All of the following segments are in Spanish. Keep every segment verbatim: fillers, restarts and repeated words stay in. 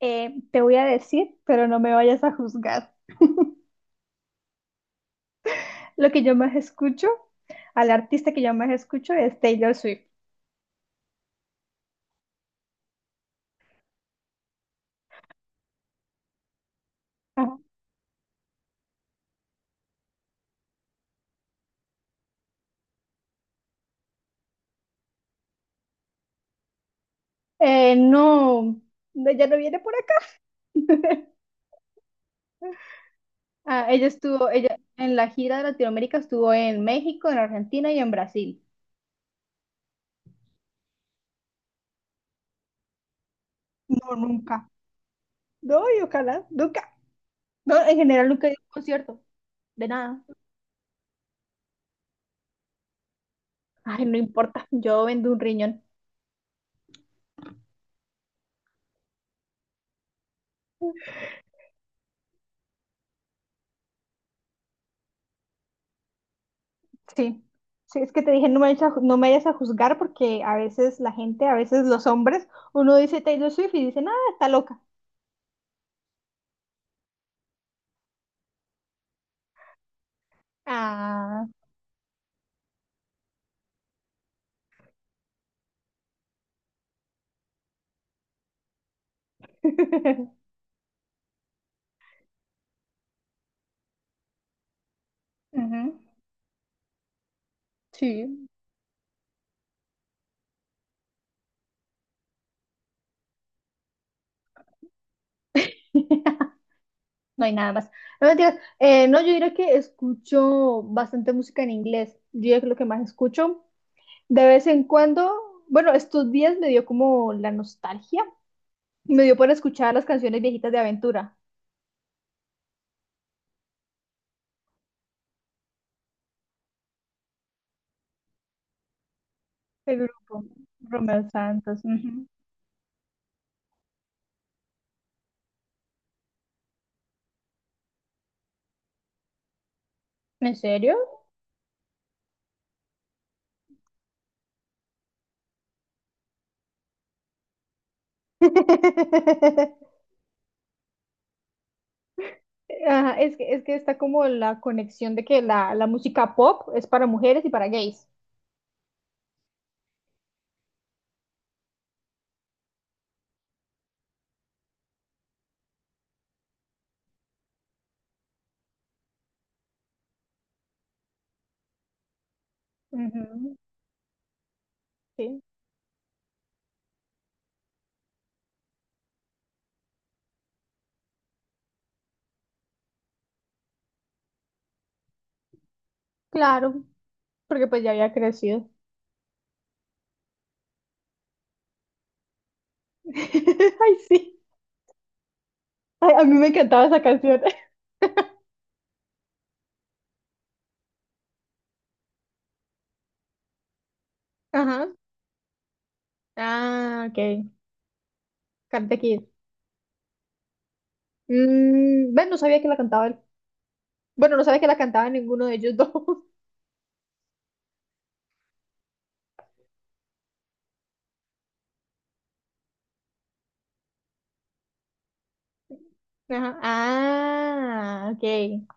Eh, te voy a decir, pero no me vayas a juzgar. Lo que yo más escucho, al artista que yo más escucho es Taylor Swift. Ajá. Eh, no, no, ella no viene por acá. Ah, ella estuvo, ella en la gira de Latinoamérica estuvo en México, en Argentina y en Brasil. No, nunca. No, y ojalá, nunca. No, en general nunca he ido a un concierto, de nada. Ay, no importa, yo vendo un riñón. Sí, sí, es que te dije, no me vayas a, ju- no me vayas a juzgar porque a veces la gente, a veces los hombres, uno dice Taylor Swift y dicen, ah, está loca. Ah. Ujú, sí, no hay nada más. No mentiras. Eh, no, yo diría que escucho bastante música en inglés. Yo diría que lo que más escucho. De vez en cuando, bueno, estos días me dio como la nostalgia. Me dio por escuchar las canciones viejitas de Aventura. El grupo, Romeo Santos. Ujú. ¿En serio? Ajá, es que, es que está como la conexión de que la, la música pop es para mujeres y para gays. Ujú, sí. Claro, porque pues ya había crecido. Ay, sí. Ay, a mí me encantaba esa canción. Ajá. Ah, ok. Karate Kid. Mm, ven, no sabía que la cantaba él. Bueno, no sabía que la cantaba ninguno de ellos dos. Ajá. Ah, ok.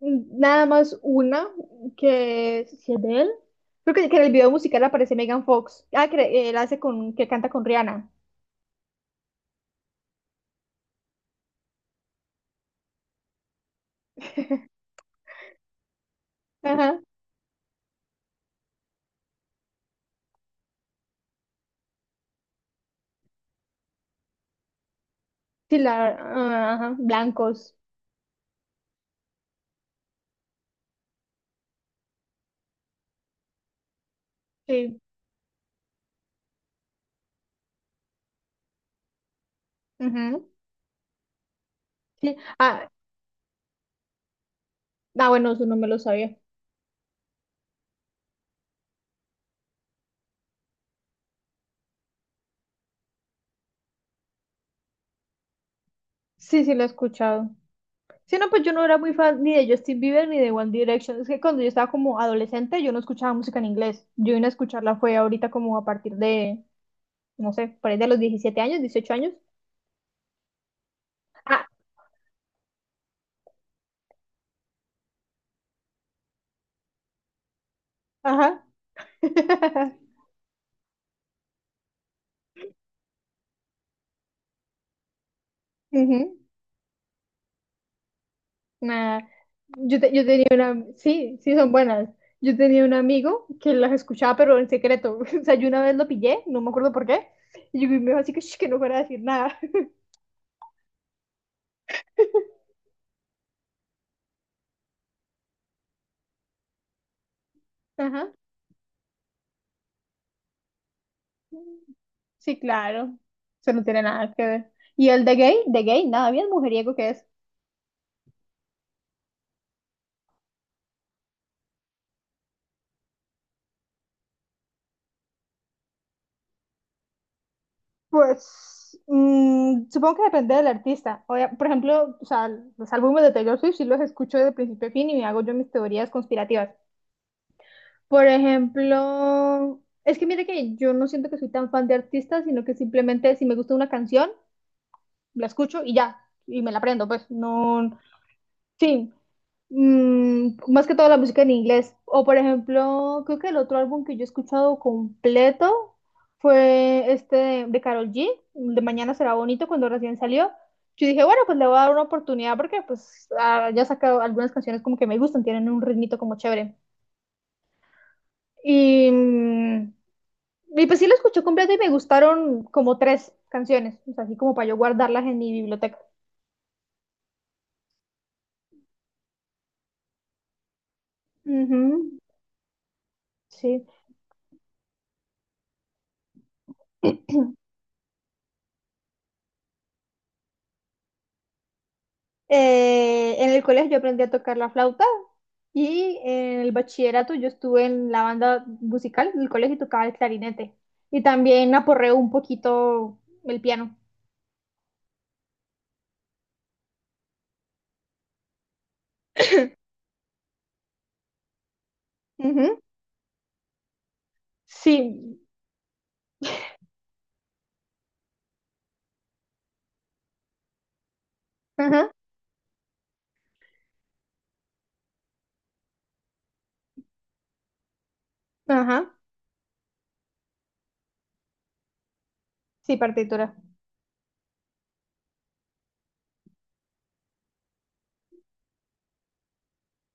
Nada más una que es- si es de él. Creo que, que en el video musical aparece Megan Fox. Ah, que él hace con, que canta con Rihanna. Ajá. Sí, la, ah, ajá, blancos. Sí. Ajá. Sí. Ah, ah, bueno, eso no me lo sabía. Sí, sí, lo he escuchado. Sí, no, pues yo no era muy fan ni de Justin Bieber ni de One Direction. Es que cuando yo estaba como adolescente, yo no escuchaba música en inglés. Yo vine a escucharla fue ahorita como a partir de, no sé, por ahí de los diecisiete años, dieciocho años. Ah, ajá. Ujú. Nah, yo, te- yo tenía una, sí, sí son buenas. Yo tenía un amigo que las escuchaba, pero en secreto. O sea, yo una vez lo pillé, no me acuerdo por qué. Y yo me dijo así que, "Shh, que no fuera a decir nada." Ajá. Sí, claro. Eso no tiene nada que ver. Y el de gay, de gay, nada, bien mujeriego que es. Pues, mm, supongo que depende del artista. Obvia- por ejemplo, o sea, los álbumes de Taylor Swift sí los escucho de principio a fin y me hago yo mis teorías conspirativas. Por ejemplo, es que mire que yo no siento que soy tan fan de artistas, sino que simplemente si me gusta una canción, la escucho y ya, y me la aprendo, pues no, sí, mm, más que todo la música en inglés. O por ejemplo, creo que el otro álbum que yo he escuchado completo fue este de, de Karol G, de Mañana será bonito, cuando recién salió. Yo dije, bueno, pues le voy a dar una oportunidad porque pues ah, ya he sacado algunas canciones como que me gustan, tienen un ritmito como chévere. Y, mm, y pues sí lo escuché completo y me gustaron como tres canciones, o sea, así como para yo guardarlas en mi biblioteca. Ujú, sí. Eh, en el colegio yo aprendí a tocar la flauta y en el bachillerato yo estuve en la banda musical del colegio y tocaba el clarinete. Y también aporreo un poquito el piano. Ujú, sí, ajá, ajá, sí, partitura.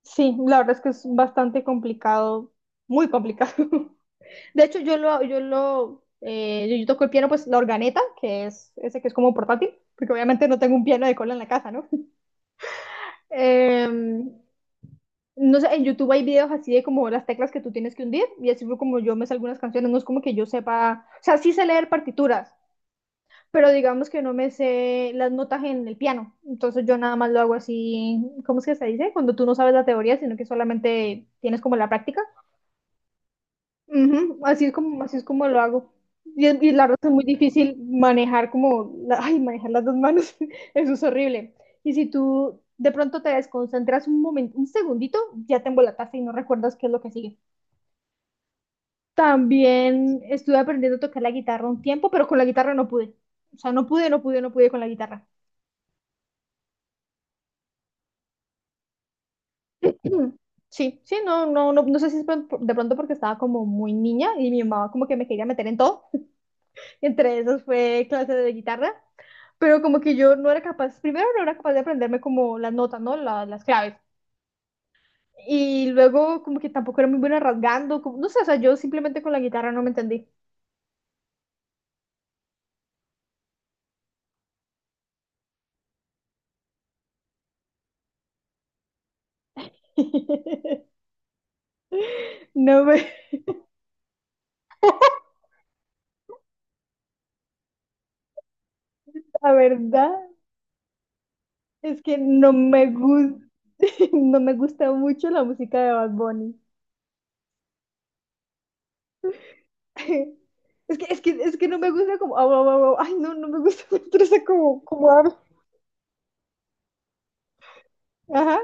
Sí, la verdad es que es bastante complicado, muy complicado. De hecho, yo lo, yo lo, eh, yo, yo toco el piano, pues la organeta, que es ese que es como portátil, porque obviamente no tengo un piano de cola en la casa, ¿no? Eh, no sé, en YouTube hay videos así de como las teclas que tú tienes que hundir, y así fue como yo me sé algunas canciones, no es como que yo sepa, o sea, sí sé leer partituras, pero digamos que no me sé las notas en el piano, entonces yo nada más lo hago así. ¿Cómo es que se dice? Cuando tú no sabes la teoría, sino que solamente tienes como la práctica. Ujú, así es como, así es como lo hago. Y, es- y la ropa es muy difícil manejar como, la- ay, manejar las dos manos, eso es horrible. Y si tú de pronto te desconcentras un momento, un segundito, ya te embolataste y no recuerdas qué es lo que sigue. También estuve aprendiendo a tocar la guitarra un tiempo, pero con la guitarra no pude. O sea, no pude, no pude, no pude con la guitarra. Mm, sí, sí, no, no, no, no sé si es por- por- de pronto porque estaba como muy niña y mi mamá como que me quería meter en todo. Entre esos fue clase de guitarra. Pero como que yo no era capaz, primero no era capaz de aprenderme como las notas, ¿no? La- las claves. Y luego como que tampoco era muy buena rasgando, como, no sé, o sea, yo simplemente con la guitarra no me entendí. No me, la verdad es que no me gusta, no me gusta mucho la música de Bad Bunny. Es que, es que, es que no me gusta como, au, au, au, au. Ay, no, no me gusta, me estresa como, como habla. Ajá.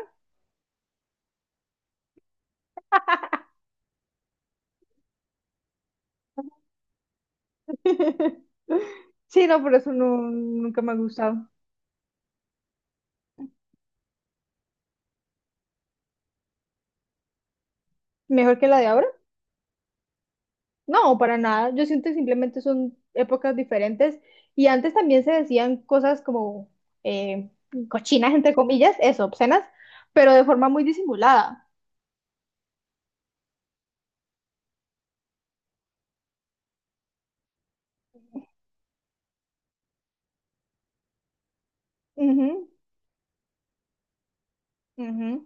Sí, no, por eso no, nunca me ha gustado. Mejor que la de ahora. No, para nada. Yo siento que simplemente son épocas diferentes y antes también se decían cosas como eh, cochinas, entre comillas, eso, obscenas, pero de forma muy disimulada. Ujú,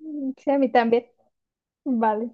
ujú. Sí, a mí también. Vale.